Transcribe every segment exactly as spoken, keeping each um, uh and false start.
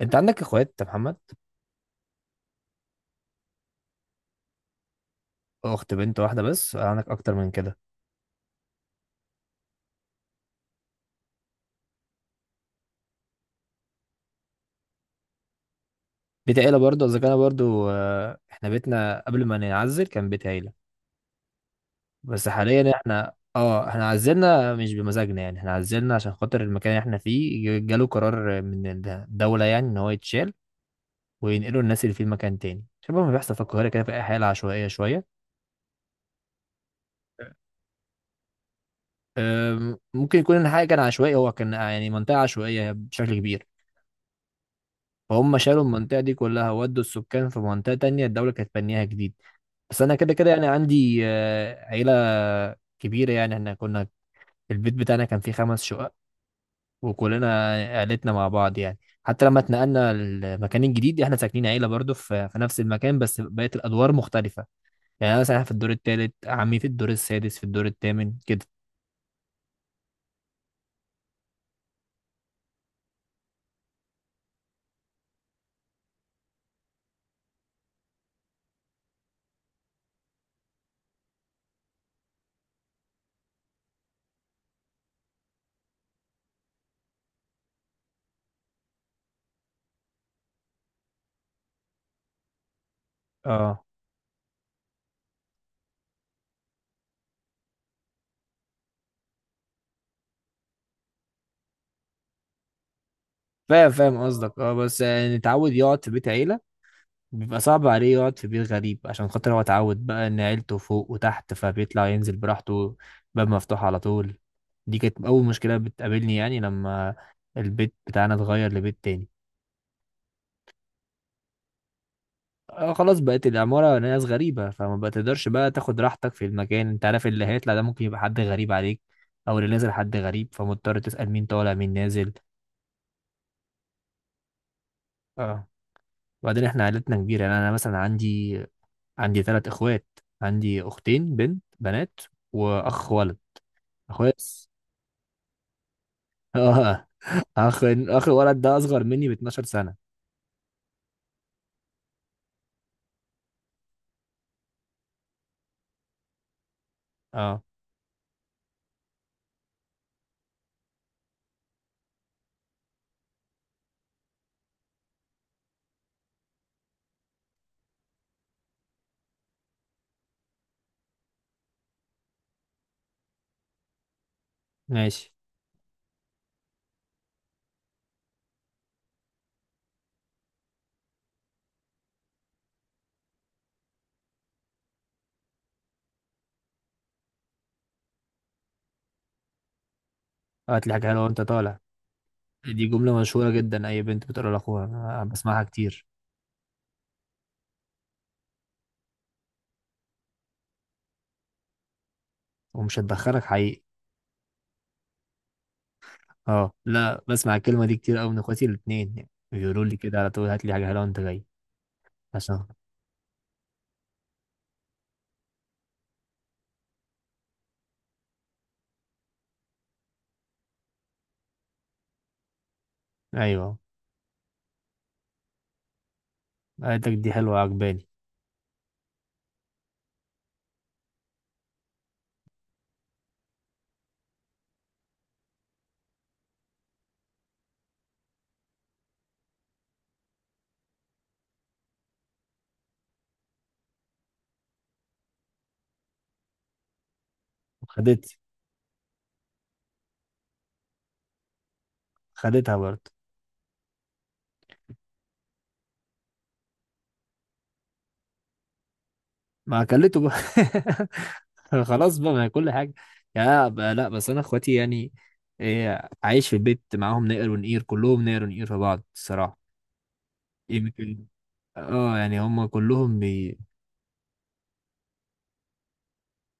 انت عندك اخوات يا محمد؟ اخت بنت واحده بس ولا عندك اكتر من كده؟ بيت عيله برضه اذا كان برضه، آه، احنا بيتنا قبل ما نعزل كان بيت عيله. بس حاليا احنا اه احنا عزلنا مش بمزاجنا، يعني احنا عزلنا عشان خاطر المكان اللي احنا فيه ج- جاله قرار من الدوله يعني ان هو يتشال وينقلوا الناس اللي فيه مكان تاني، شبه ما بيحصل في القاهره كده في اي حاله عشوائيه شويه. أم، ممكن يكون الحقيقه كان عشوائي، هو كان يعني منطقه عشوائيه بشكل كبير. فهم شالوا المنطقه دي كلها ودوا السكان في منطقه تانية الدوله كانت بنيها جديد. بس انا كده كده يعني عندي آه، عيله كبيره، يعني احنا كنا البيت بتاعنا كان فيه خمس شقق وكلنا عيلتنا مع بعض يعني. حتى لما اتنقلنا المكان الجديد احنا ساكنين عيله برضه في في نفس المكان، بس بقت الادوار مختلفه. يعني انا مثلا في الدور الثالث، عمي في الدور السادس، في الدور الثامن كده. اه فاهم فاهم قصدك. اه بس يعني نتعود يقعد في بيت عيله، بيبقى صعب عليه يقعد في بيت غريب عشان خاطر هو اتعود بقى ان عيلته فوق وتحت فبيطلع ينزل براحته، باب مفتوح على طول. دي كانت اول مشكلة بتقابلني يعني لما البيت بتاعنا اتغير لبيت تاني. آه خلاص بقت العمارة ناس غريبة، فما بتقدرش بقى تاخد راحتك في المكان. انت عارف اللي هيطلع ده ممكن يبقى حد غريب عليك، او اللي نازل حد غريب، فمضطر تسأل مين طالع مين نازل. اه وبعدين احنا عيلتنا كبيرة، يعني انا مثلا عندي عندي ثلاث اخوات، عندي اختين بنت بنات واخ ولد. اخويا بس اه اخ اخ الولد ده اصغر مني ب اتناشر سنة. اه، ماشي. هات لي حاجة حلوة وانت طالع، دي جملة مشهورة جدا اي بنت بتقولها لاخوها، أنا بسمعها كتير. ومش هتدخلك حقيقي. اه لا، بسمع الكلمة دي كتير قوي من اخواتي الاتنين، يعني بيقولوا لي كده على طول هات لي حاجة حلوة وانت جاي. عشان، ايوه. قالتك دي حلوة عجباني. خدت خدتها برضه. ما اكلته بقى خلاص بقى، ما هي كل حاجة. يا بقى لا، بس أنا إخواتي يعني إيه، عايش في البيت معاهم نقر ونقير، كلهم نقر ونقير في بعض الصراحة. يمكن اه، يعني هم كلهم بي...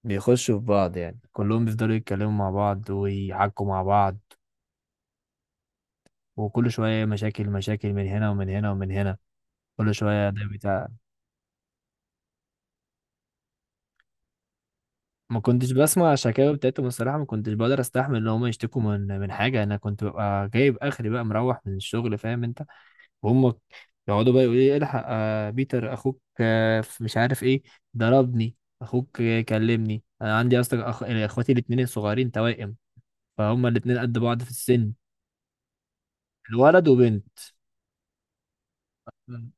بيخشوا في بعض، يعني كلهم بيفضلوا يتكلموا مع بعض ويحكوا مع بعض، وكل شوية مشاكل مشاكل من هنا ومن هنا ومن هنا، كل شوية ده بتاع. ما كنتش بسمع الشكاوي بتاعتهم الصراحة، ما كنتش بقدر استحمل ان هم يشتكوا من من حاجة، انا كنت ببقى جايب اخري بقى مروح من الشغل فاهم انت، وهم يقعدوا بقى يقولوا لي الحق آه بيتر اخوك آه في مش عارف ايه، ضربني، اخوك آه كلمني. انا عندي اصلا أخ... اخواتي الاتنين الصغيرين توائم، فهم الاتنين قد بعض في السن. الولد وبنت. مم.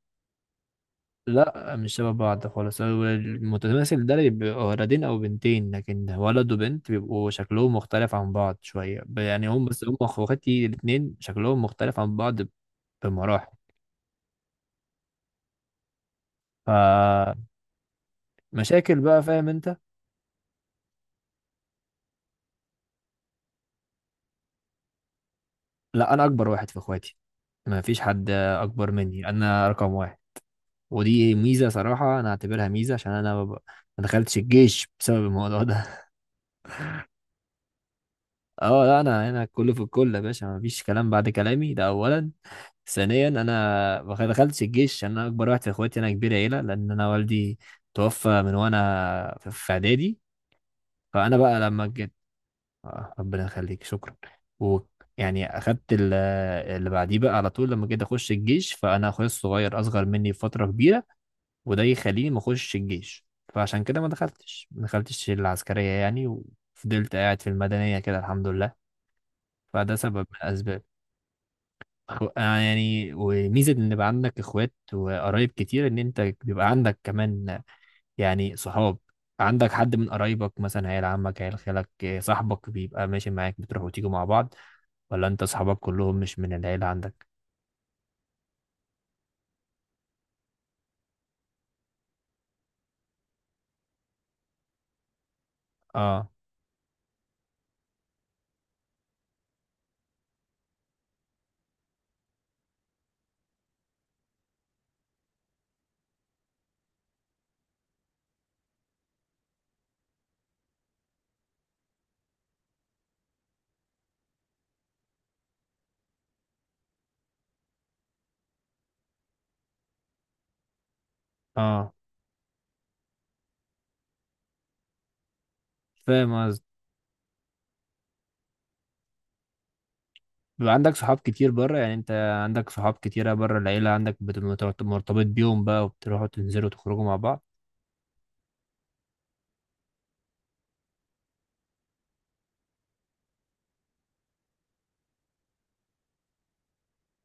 لا مش شبه بعض خالص، هو المتماثل ده اللي بيبقوا ولدين او بنتين، لكن ولد وبنت بيبقوا شكلهم مختلف عن بعض شويه، ب- يعني هم بس هم اخواتي الاتنين شكلهم مختلف عن بعض بمراحل. فمشاكل بقى فاهم انت. لا انا اكبر واحد في اخواتي، ما فيش حد اكبر مني، انا رقم واحد. ودي ميزه صراحه انا اعتبرها ميزه، عشان انا ما ب- ما دخلتش الجيش بسبب الموضوع ده. اه لا، انا انا كله في الكل يا باشا، ما فيش كلام بعد كلامي ده اولا. ثانيا انا ما دخلتش الجيش عشان انا اكبر واحد في اخواتي، انا كبير عيله، لان انا والدي توفى من وانا في في اعدادي، فانا بقى لما جيت. آه، ربنا يخليك، شكرا. و يعني اخدت ال- اللي بعديه بقى على طول، لما جيت اخش الجيش فانا اخويا الصغير اصغر مني بفتره كبيره، وده يخليني ما اخش الجيش، فعشان كده ما دخلتش ما دخلتش العسكرية، يعني وفضلت قاعد في المدنية كده الحمد لله. فده سبب من الأسباب. أخو- آه يعني وميزة إن يبقى عندك إخوات وقرايب كتير، إن أنت بيبقى عندك كمان يعني صحاب. عندك حد من قرايبك مثلا عيال عمك عيال خالك، آه، صاحبك بيبقى ماشي معاك بتروحوا وتيجوا مع بعض، ولا أنت صحابك كلهم مش من العيلة عندك؟ اه. اه فاهم. بيبقى عندك صحاب كتير بره يعني، انت عندك صحاب كتيرة بره العيلة، عندك بت- مترت- مرتبط بيهم بقى وبتروحوا تنزلوا تخرجوا مع بعض.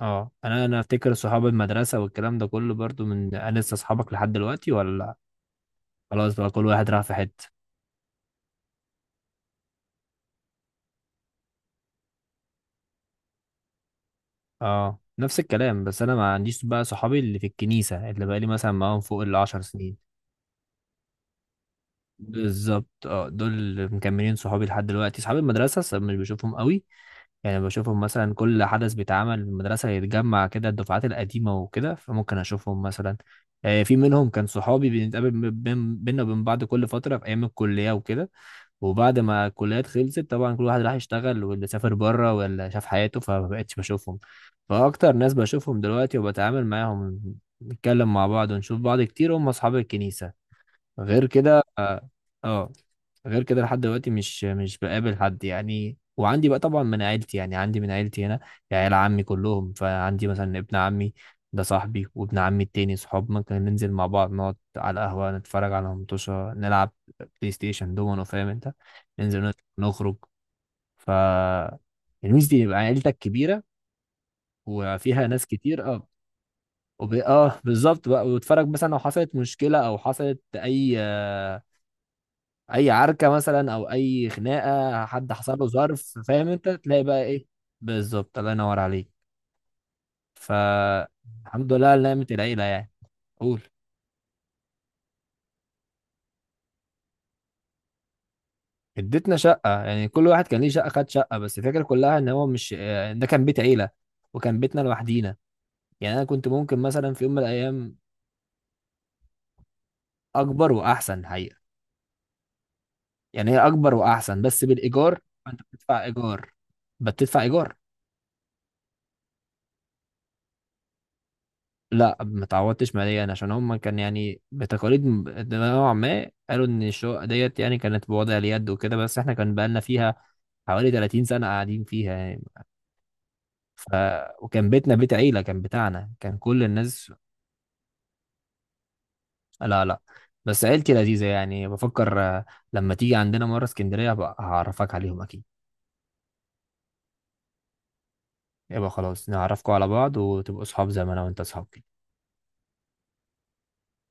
اه انا انا افتكر صحاب المدرسة والكلام ده كله برضو من انا لسه صحابك لحد دلوقتي ولا خلاص بقى كل واحد راح في حتة؟ اه نفس الكلام، بس انا ما عنديش بقى صحابي اللي في الكنيسة اللي بقى لي مثلا معاهم فوق العشر سنين. بالظبط، اه دول اللي مكملين صحابي لحد دلوقتي، صحاب المدرسة س- مش بشوفهم قوي، يعني بشوفهم مثلا كل حدث بيتعمل في المدرسة يتجمع كده الدفعات القديمة وكده، فممكن أشوفهم مثلا. آه، في منهم كان صحابي بنتقابل م- بين- بينا وبين بعض كل فترة في أيام الكلية وكده، وبعد ما الكليات خلصت طبعا كل واحد راح يشتغل، واللي سافر بره واللي شاف حياته، فمبقتش بشوفهم. فأكتر ناس بشوفهم دلوقتي وبتعامل معاهم نتكلم مع بعض ونشوف بعض كتير هم أصحاب الكنيسة. غير كده اه آه. غير كده لحد دلوقتي مش مش بقابل حد يعني، وعندي بقى طبعا من عيلتي، يعني عندي من عيلتي هنا عيال عمي كلهم، فعندي مثلا ابن عمي ده صاحبي، وابن عمي التاني صحاب، ممكن ننزل مع بعض نقعد على القهوة نتفرج على مطوشة نلعب بلاي ستيشن دومينو فاهم انت، ننزل نت- نخرج. ف الميزة دي يبقى عيلتك كبيرة وفيها ناس كتير، اه. وب... اه بالظبط بقى، وتتفرج مثلا لو حصلت مشكلة او حصلت اي اي عركه مثلا او اي خناقه حد حصل له ظرف، فاهم انت، تلاقي بقى ايه. بالظبط، الله ينور عليك. فالحمد لله على نعمه العيله يعني. قول. اديتنا شقه، يعني كل واحد كان ليه شقه خد شقه، بس الفكره كلها ان هو مش، آه، ده كان بيت عيله وكان بيتنا لوحدينا، يعني انا كنت ممكن مثلا في يوم من الايام. اكبر واحسن حقيقه. يعني هي اكبر واحسن بس بالايجار، فانت بتدفع ايجار، بتدفع ايجار. لا ما اتعودتش ماليا، عشان هم كان يعني بتقاليد م- نوعا ما قالوا ان الشقه ديت يعني كانت بوضع اليد وكده، بس احنا كان بقالنا فيها حوالي ثلاثين سنه قاعدين فيها يعني. ف وكان بيتنا بيت عيله كان بتاعنا، كان كل الناس. لا لا. بس عيلتي لذيذه يعني، بفكر آه، لما تيجي عندنا مره اسكندريه هبقى هعرفك عليهم اكيد. يبقى خلاص نعرفكم على بعض وتبقوا اصحاب زي ما انا وانت اصحاب.